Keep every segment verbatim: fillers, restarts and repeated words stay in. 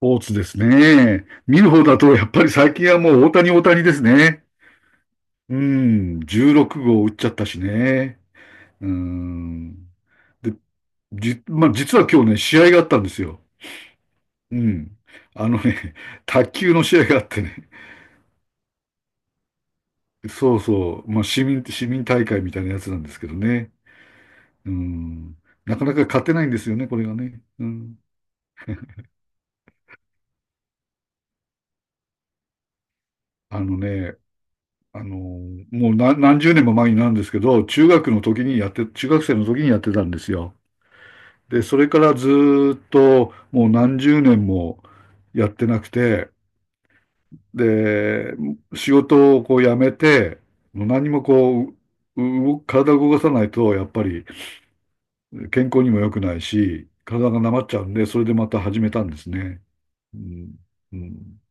ポーツですね。見る方だと、やっぱり最近はもう大谷大谷ですね。うん、じゅうろく号打っちゃったしね。うん。で、じ、まあ、実は今日ね、試合があったんですよ。うん。あのね、卓球の試合があってね。そうそう。まあ、市民、市民大会みたいなやつなんですけどね。うん。なかなか勝てないんですよね、これがね。うん。あのね、あの、もう何、何十年も前になるんですけど、中学の時にやって、中学生の時にやってたんですよ。で、それからずっともう何十年もやってなくて、で、仕事をこう辞めて、もう何もこう、う動体を動かさないと、やっぱり健康にも良くないし、体がなまっちゃうんで、それでまた始めたんですね。うん、うん、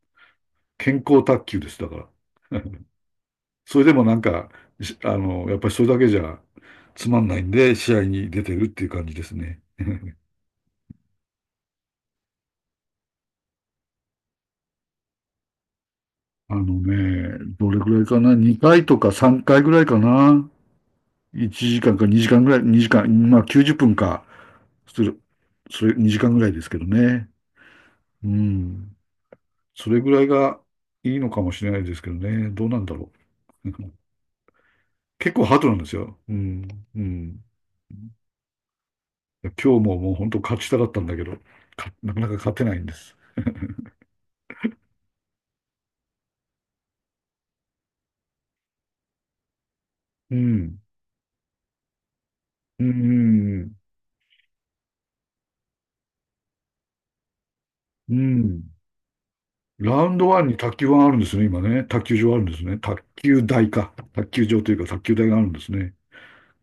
健康卓球です、だから。それでもなんか、しあの、やっぱりそれだけじゃつまんないんで、試合に出てるっていう感じですね。あのね、どれぐらいかな？ に 回とかさんかいぐらいかな？ いち 時間かにじかんぐらい、にじかん、まあきゅうじゅっぷんか、する、それにじかんぐらいですけどね。うん。それぐらいがいいのかもしれないですけどね。どうなんだろう。うん。結構ハードなんですよ。うん。うん。今日ももう本当勝ちたかったんだけど、かなかなか勝てないんです。うん。うん。うん。うん。ラウンドワンに卓球はあるんですね、今ね。卓球場あるんですね。卓球台か。卓球場というか卓球台があるんですね。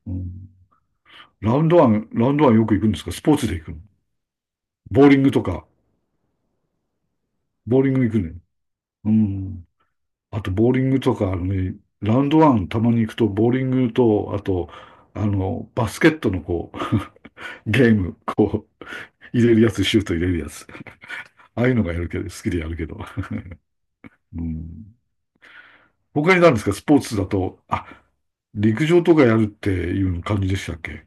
うん、ラウンドワン、ラウンドワンよく行くんですか？スポーツで行くの？ボーリングとか。ボーリング行くね。うん。あと、ボーリングとか、あのね、ラウンドワンたまに行くと、ボーリングと、あと、あの、バスケットのこう、ゲーム、こう、入れるやつ、シュート入れるやつ。ああいうのがやるけど、好きでやるけど。うん。他に何ですか？スポーツだと、あ、陸上とかやるっていう感じでしたっけ？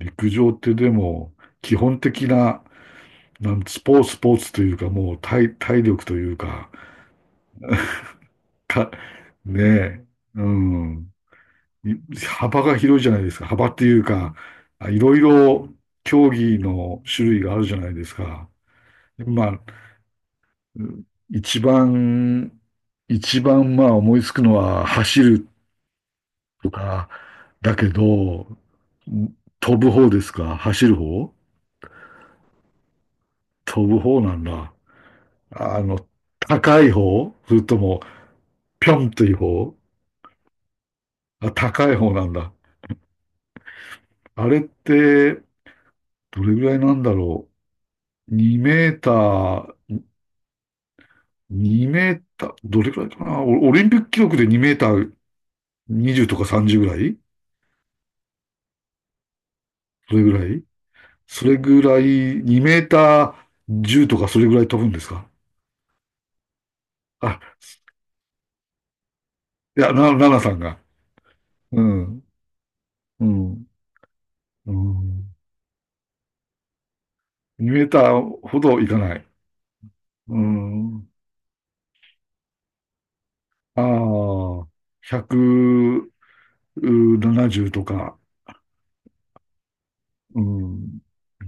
陸上ってでも、基本的な、なんスポーツ、スポーツというか、もう体、体力というか、か、ねえ、うん。い幅が広いじゃないですか。幅っていうか、あいろいろ競技の種類があるじゃないですか。まあ、うん、一番、一番まあ思いつくのは走るとか、だけど、飛ぶ方ですか？走る方？飛ぶ方なんだ。あの、高い方それとも、ぴょんという方？あ、高い方なんだ。あれって、どれぐらいなんだろう。2メーター、にメーター、どれぐらいかな？オオリンピック記録でにメーターにじゅうとかさんじゅうぐらい？それぐらいそれぐらい、にメーターじゅうとかそれぐらい飛ぶんですか？あ、いや、な、奈々さんが。うん。うん。うん。にメーターほどいかない。うん。ああ、ひゃくななじゅうとか、うん。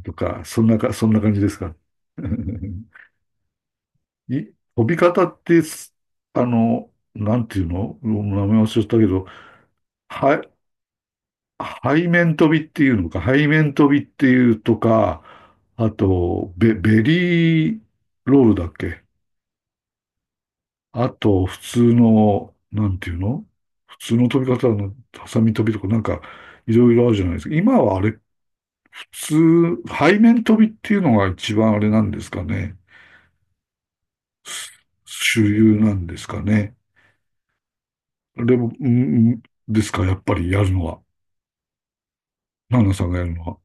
とか、そんなか、そんな感じですか。い、飛び方ってす、あの、なんていうの？名前忘れちゃったけど、は、背面飛びっていうのか、背面飛びっていうとか、あと、ベ、ベリーロールだっけ？あと、普通の、なんていうの？普通の飛び方の、ハサミ飛びとか、なんか、いろいろあるじゃないですか。今はあれ、普通、背面飛びっていうのが一番あれなんですかね。す主流なんですかね。でも、うんうんですか、やっぱりやるのは。ナナさんがやるのは。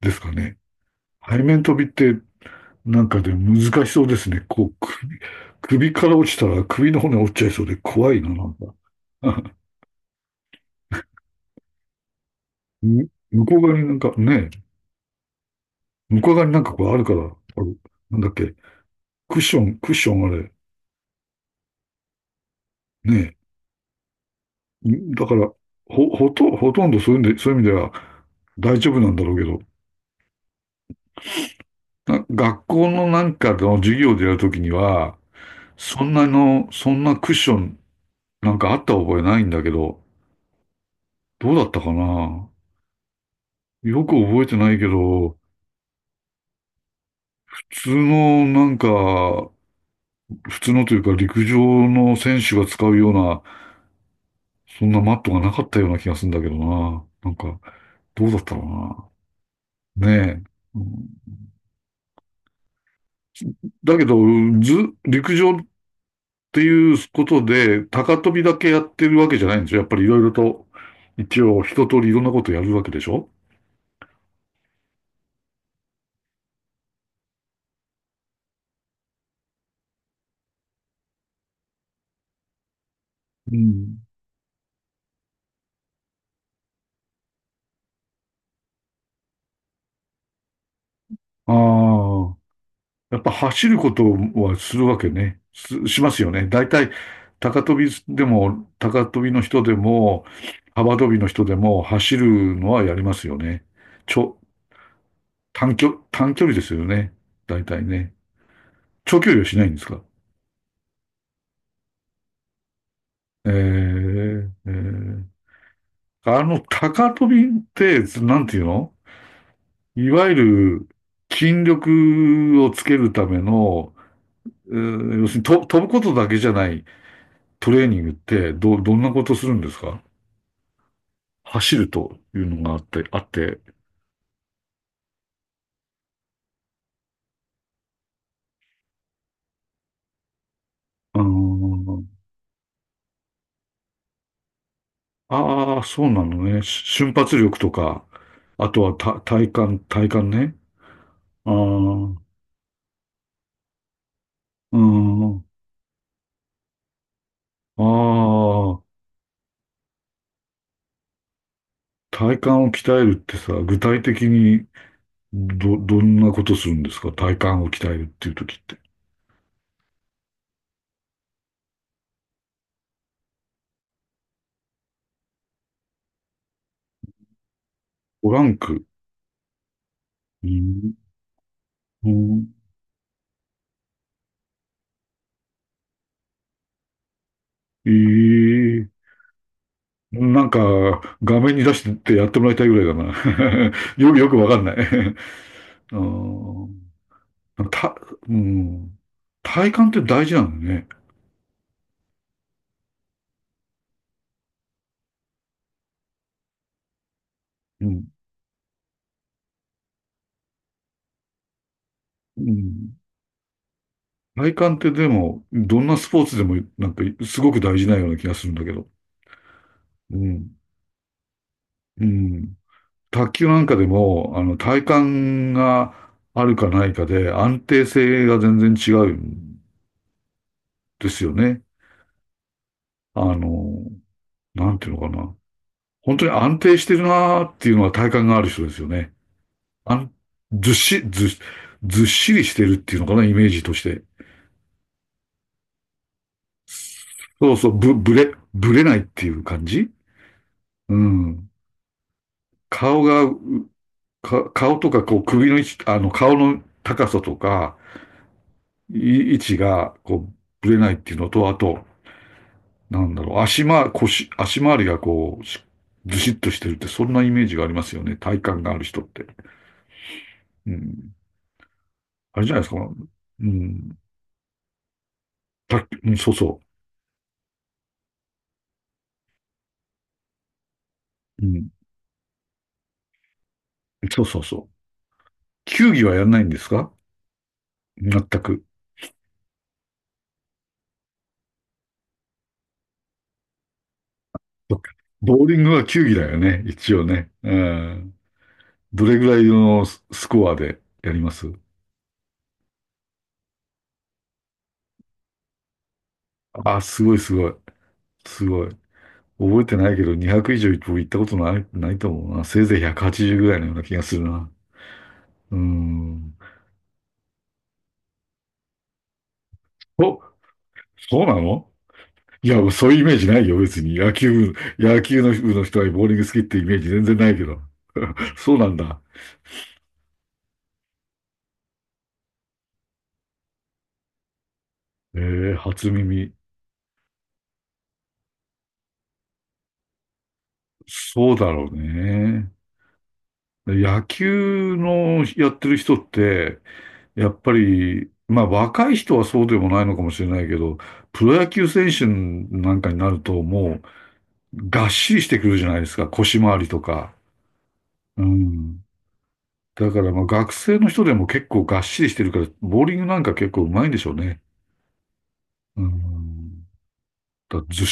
ですかね。背面飛びって、なんかで難しそうですね。こう、首、首から落ちたら首の骨折っちゃいそうで怖いな、なんか。む向こう側になんかね、向こう側になんかこうあるから、あのなんだっけ、クッション、クッションあれ、ねえ、だから、ほ、ほと、ほとんどそういうんで、そういう意味では大丈夫なんだろうけど、な学校のなんかの授業でやるときには、そんなの、そんなクッションなんかあった覚えないんだけど、どうだったかな？よく覚えてないけど、普通のなんか、普通のというか陸上の選手が使うような、そんなマットがなかったような気がするんだけどな。なんか、どうだったろうな。ねえ。うん。だけど、ず、陸上っていうことで、高跳びだけやってるわけじゃないんですよ。やっぱりいろいろと、一応一通りいろんなことやるわけでしょ？うん。ああ、やっぱ走ることはするわけね。す、しますよね。大体、高跳びでも、高跳びの人でも、幅跳びの人でも、走るのはやりますよね。ちょ、短距、短距離ですよね。大体ね。長距離はしないんですか？ええええ。あの、高飛びって、なんていうの？いわゆる筋力をつけるための、えー要するにと飛ぶことだけじゃないトレーニングって、ど、どんなことするんですか？走るというのがあって、あって、あーあー、そうなのね。し瞬発力とか、あとはた体幹、体幹ね。ああ、うん、ああ、体幹を鍛えるってさ、具体的にど、どんなことするんですか？体幹を鍛えるっていう時って。トランク。うんうん、ええ、なんか、画面に出してってやってもらいたいぐらいだな。よ、よくわかんない。あー、た、うん。体幹って大事なのね。うん。うん。体幹ってでも、どんなスポーツでも、なんか、すごく大事なような気がするんだけど。うん。うん。卓球なんかでも、あの、体幹があるかないかで安定性が全然違うんですよね。あの、なんていうのかな。本当に安定してるなーっていうのは体幹がある人ですよね。あん、ずっし、ずっ、ずっしりしてるっていうのかな、イメージとして。そうそう、ぶ、ぶれ、ぶれないっていう感じ？うん。顔が、か、顔とか、こう、首の位置、あの、顔の高さとか、い位置が、こう、ぶれないっていうのと、あと、なんだろう、足ま、腰、足回りがこう、しずしっとしてるって、そんなイメージがありますよね。体幹がある人って。うん。あれじゃないですか。うん。卓球うん、そうそう。うん。そうそうそう。球技はやらないんですか？全く。そっか。ボーリングは球技だよね。一応ね。うん。どれぐらいのススコアでやります？あ、すごいすごい。すごい。覚えてないけど、にひゃく以上僕行ったことない、ないと思うな。せいぜいひゃくはちじゅうぐらいのような気がするな。うん。お、そうなの？いや、そういうイメージないよ、別に。野球部、野球の部の人はボーリング好きってイメージ全然ないけど。そうなんだ。えー、初耳。そうだろうね。野球のやってる人って、やっぱり、まあ若い人はそうでもないのかもしれないけど、プロ野球選手なんかになるともうがっしりしてくるじゃないですか、腰回りとか。うん。だからまあ学生の人でも結構がっしりしてるから、ボーリングなんか結構うまいんでしょうね。うーん。だずし